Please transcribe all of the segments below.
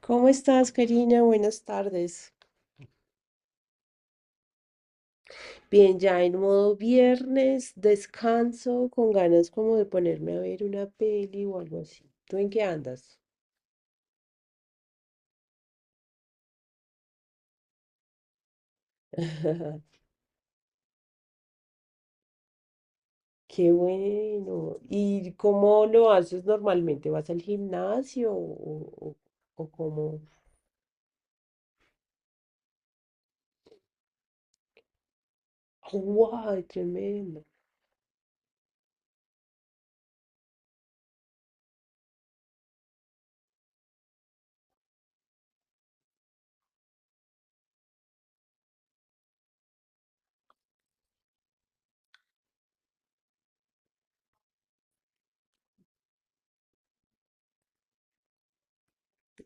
¿Cómo estás, Karina? Buenas tardes. Bien, ya en modo viernes, descanso, con ganas como de ponerme a ver una peli o algo así. ¿Tú en qué andas? Qué bueno. ¿Y cómo lo haces normalmente? ¿Vas al gimnasio o cómo? ¡Wow! Tremendo.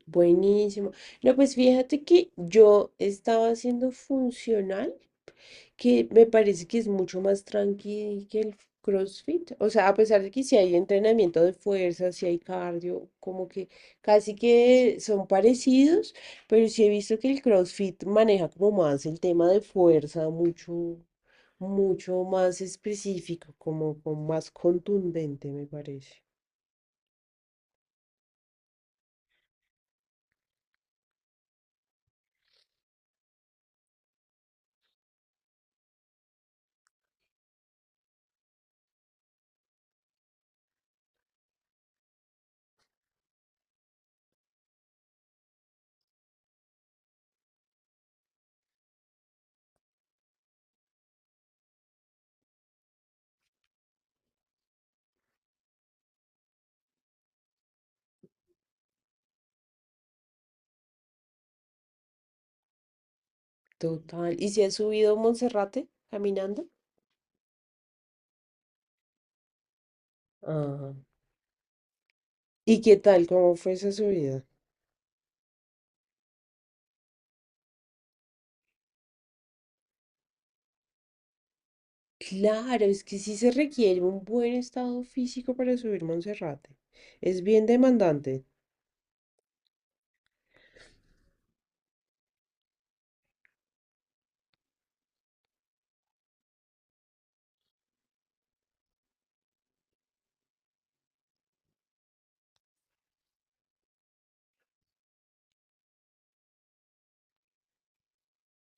Buenísimo. No, pues fíjate que yo estaba haciendo funcional, que me parece que es mucho más tranqui que el CrossFit. O sea, a pesar de que si hay entrenamiento de fuerza, si hay cardio, como que casi que son parecidos, pero sí he visto que el CrossFit maneja como más el tema de fuerza, mucho más específico, como más contundente, me parece. Total. ¿Y si has subido Monserrate caminando? Ah. ¿Y qué tal? ¿Cómo fue esa subida? Claro, es que sí se requiere un buen estado físico para subir Monserrate. Es bien demandante.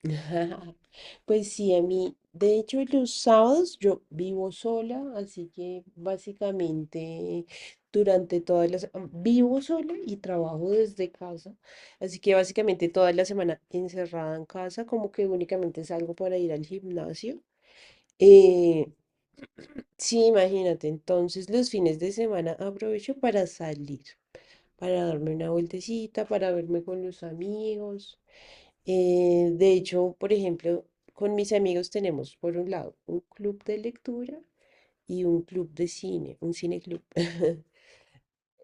Ajá. Pues sí, a mí, de hecho, los sábados yo vivo sola, así que básicamente durante todas las... Vivo sola y trabajo desde casa, así que básicamente toda la semana encerrada en casa, como que únicamente salgo para ir al gimnasio. Eh, sí, imagínate, entonces los fines de semana aprovecho para salir, para darme una vueltecita, para verme con los amigos. De hecho, por ejemplo, con mis amigos tenemos, por un lado, un club de lectura y un club de cine, un cineclub.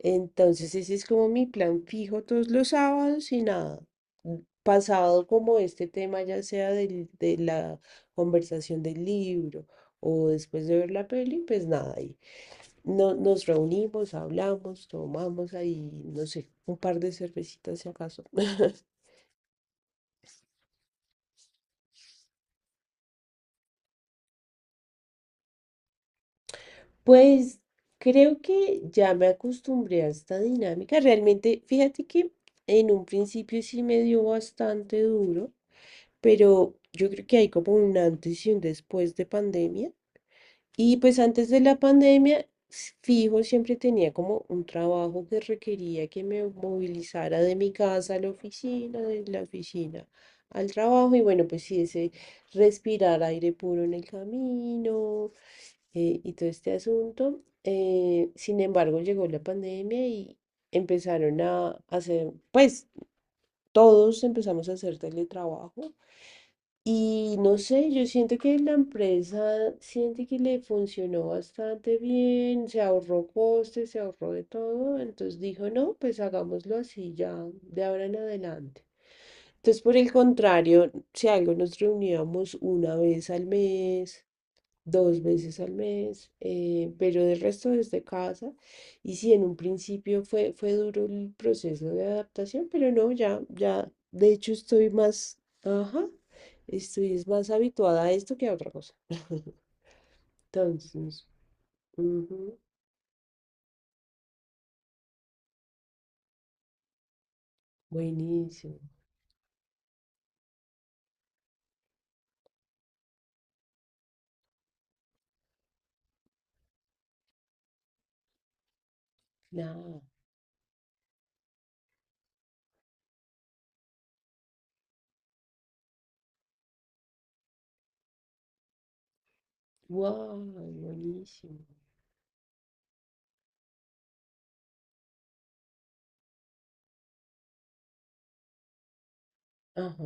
Entonces, ese es como mi plan fijo todos los sábados y nada. Pasado como este tema, ya sea de la conversación del libro o después de ver la peli, pues nada, ahí. No, nos reunimos, hablamos, tomamos ahí, no sé, un par de cervecitas si acaso. Pues creo que ya me acostumbré a esta dinámica. Realmente, fíjate que en un principio sí me dio bastante duro, pero yo creo que hay como un antes y un después de pandemia. Y pues antes de la pandemia, fijo, siempre tenía como un trabajo que requería que me movilizara de mi casa a la oficina, de la oficina al trabajo. Y bueno, pues sí, ese respirar aire puro en el camino y todo este asunto. Sin embargo, llegó la pandemia y empezaron a hacer, pues todos empezamos a hacer teletrabajo. Y no sé, yo siento que la empresa siente que le funcionó bastante bien, se ahorró costes, se ahorró de todo, entonces dijo, no, pues hagámoslo así ya de ahora en adelante. Entonces, por el contrario, si algo nos reuníamos una vez al mes, dos veces al mes, pero del resto desde casa. Y sí, en un principio fue duro el proceso de adaptación, pero no, ya, ya, de hecho estoy más, ajá, estoy es más habituada a esto que a otra cosa. Entonces, ujú, buenísimo, claro, wow, buenísimo. Ajá,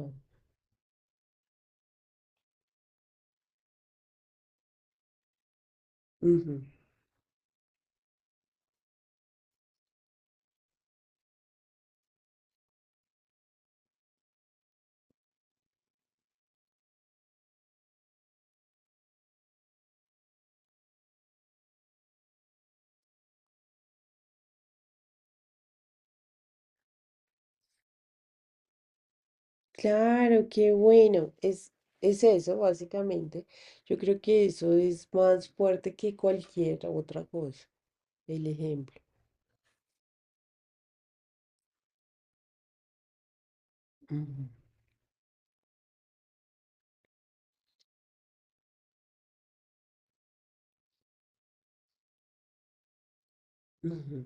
ujú. Claro, qué bueno. Es eso, básicamente. Yo creo que eso es más fuerte que cualquier otra cosa. El ejemplo. Ujú, ujú.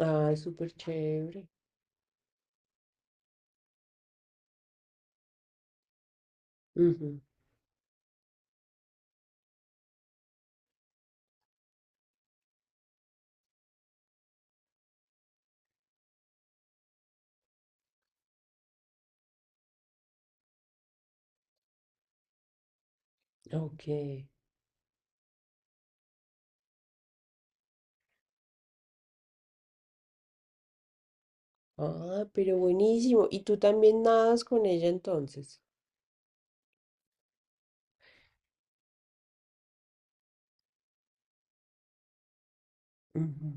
Ah, súper chévere. Ujú, ok. Ah, pero buenísimo. ¿Y tú también nadas con ella entonces? Ujú,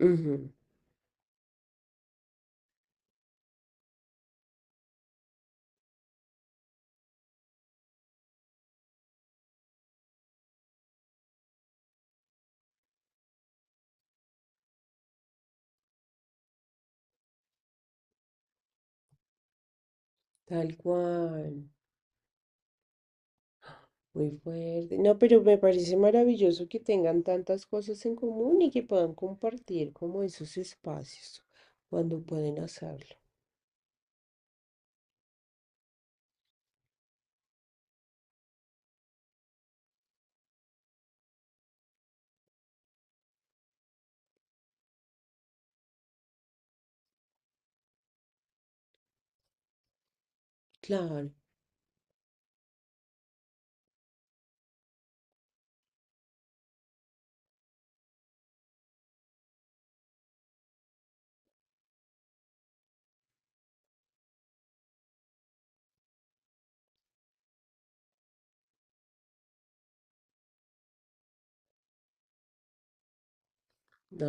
ujú. Tal cual. Muy fuerte. No, pero me parece maravilloso que tengan tantas cosas en común y que puedan compartir como esos espacios cuando pueden hacerlo. Claro.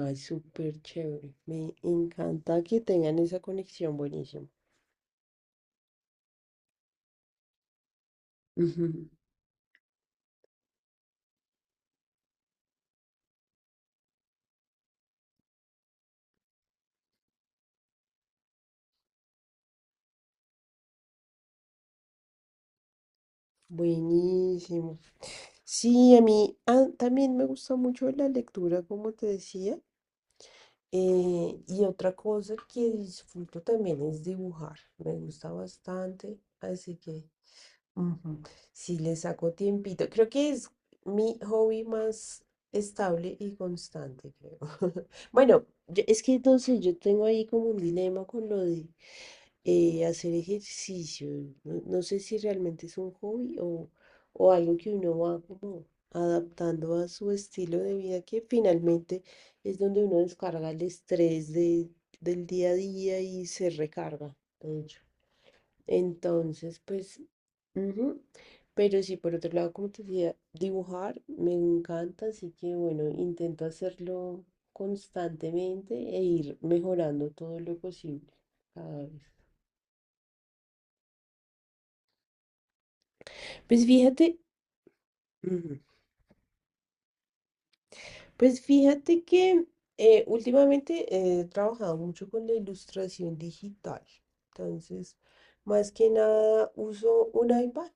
Ay, súper chévere. Me encanta que tengan esa conexión. Buenísimo. Ujú. Buenísimo. Sí, a mí también me gusta mucho la lectura, como te decía. Y otra cosa que disfruto también es dibujar. Me gusta bastante. Así que ujú. Sí, le saco tiempito. Creo que es mi hobby más estable y constante, creo. Bueno, es que entonces yo tengo ahí como un dilema con lo de hacer ejercicio. No sé si realmente es un hobby o algo que uno va como adaptando a su estilo de vida, que finalmente es donde uno descarga el estrés del día a día y se recarga, de hecho. Entonces, pues ujú. Pero sí, por otro lado, como te decía, dibujar me encanta, así que bueno, intento hacerlo constantemente e ir mejorando todo lo posible cada vez. Pues fíjate, ujú, pues fíjate que últimamente he trabajado mucho con la ilustración digital. Entonces, más que nada, uso un iPad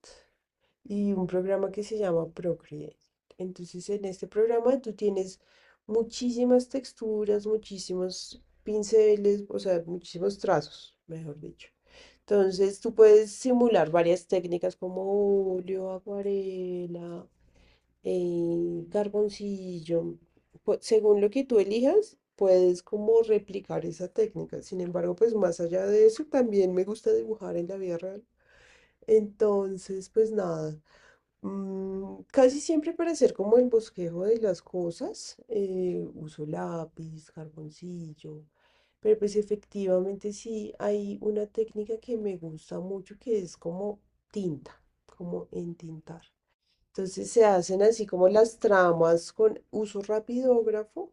y un programa que se llama Procreate. Entonces, en este programa tú tienes muchísimas texturas, muchísimos pinceles, o sea, muchísimos trazos, mejor dicho. Entonces, tú puedes simular varias técnicas como óleo, acuarela, carboncillo. Según lo que tú elijas, puedes como replicar esa técnica. Sin embargo, pues más allá de eso, también me gusta dibujar en la vida real. Entonces, pues nada, mm, casi siempre para hacer como el bosquejo de las cosas, uso lápiz, carboncillo, pero pues efectivamente sí hay una técnica que me gusta mucho, que es como tinta, como entintar. Entonces se hacen así como las tramas con uso rapidógrafo.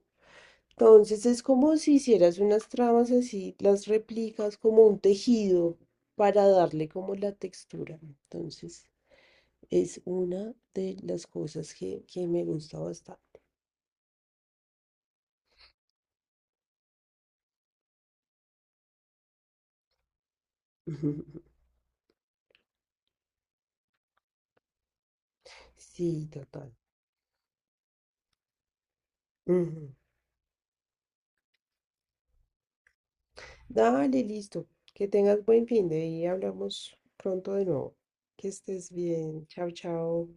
Entonces, es como si hicieras unas tramas así, las replicas como un tejido para darle como la textura. Entonces... Es una de las cosas que me gusta bastante. Sí, total. Ujú. Dale, listo. Que tengas buen fin de y hablamos pronto de nuevo. Que estés bien. Chao, chao.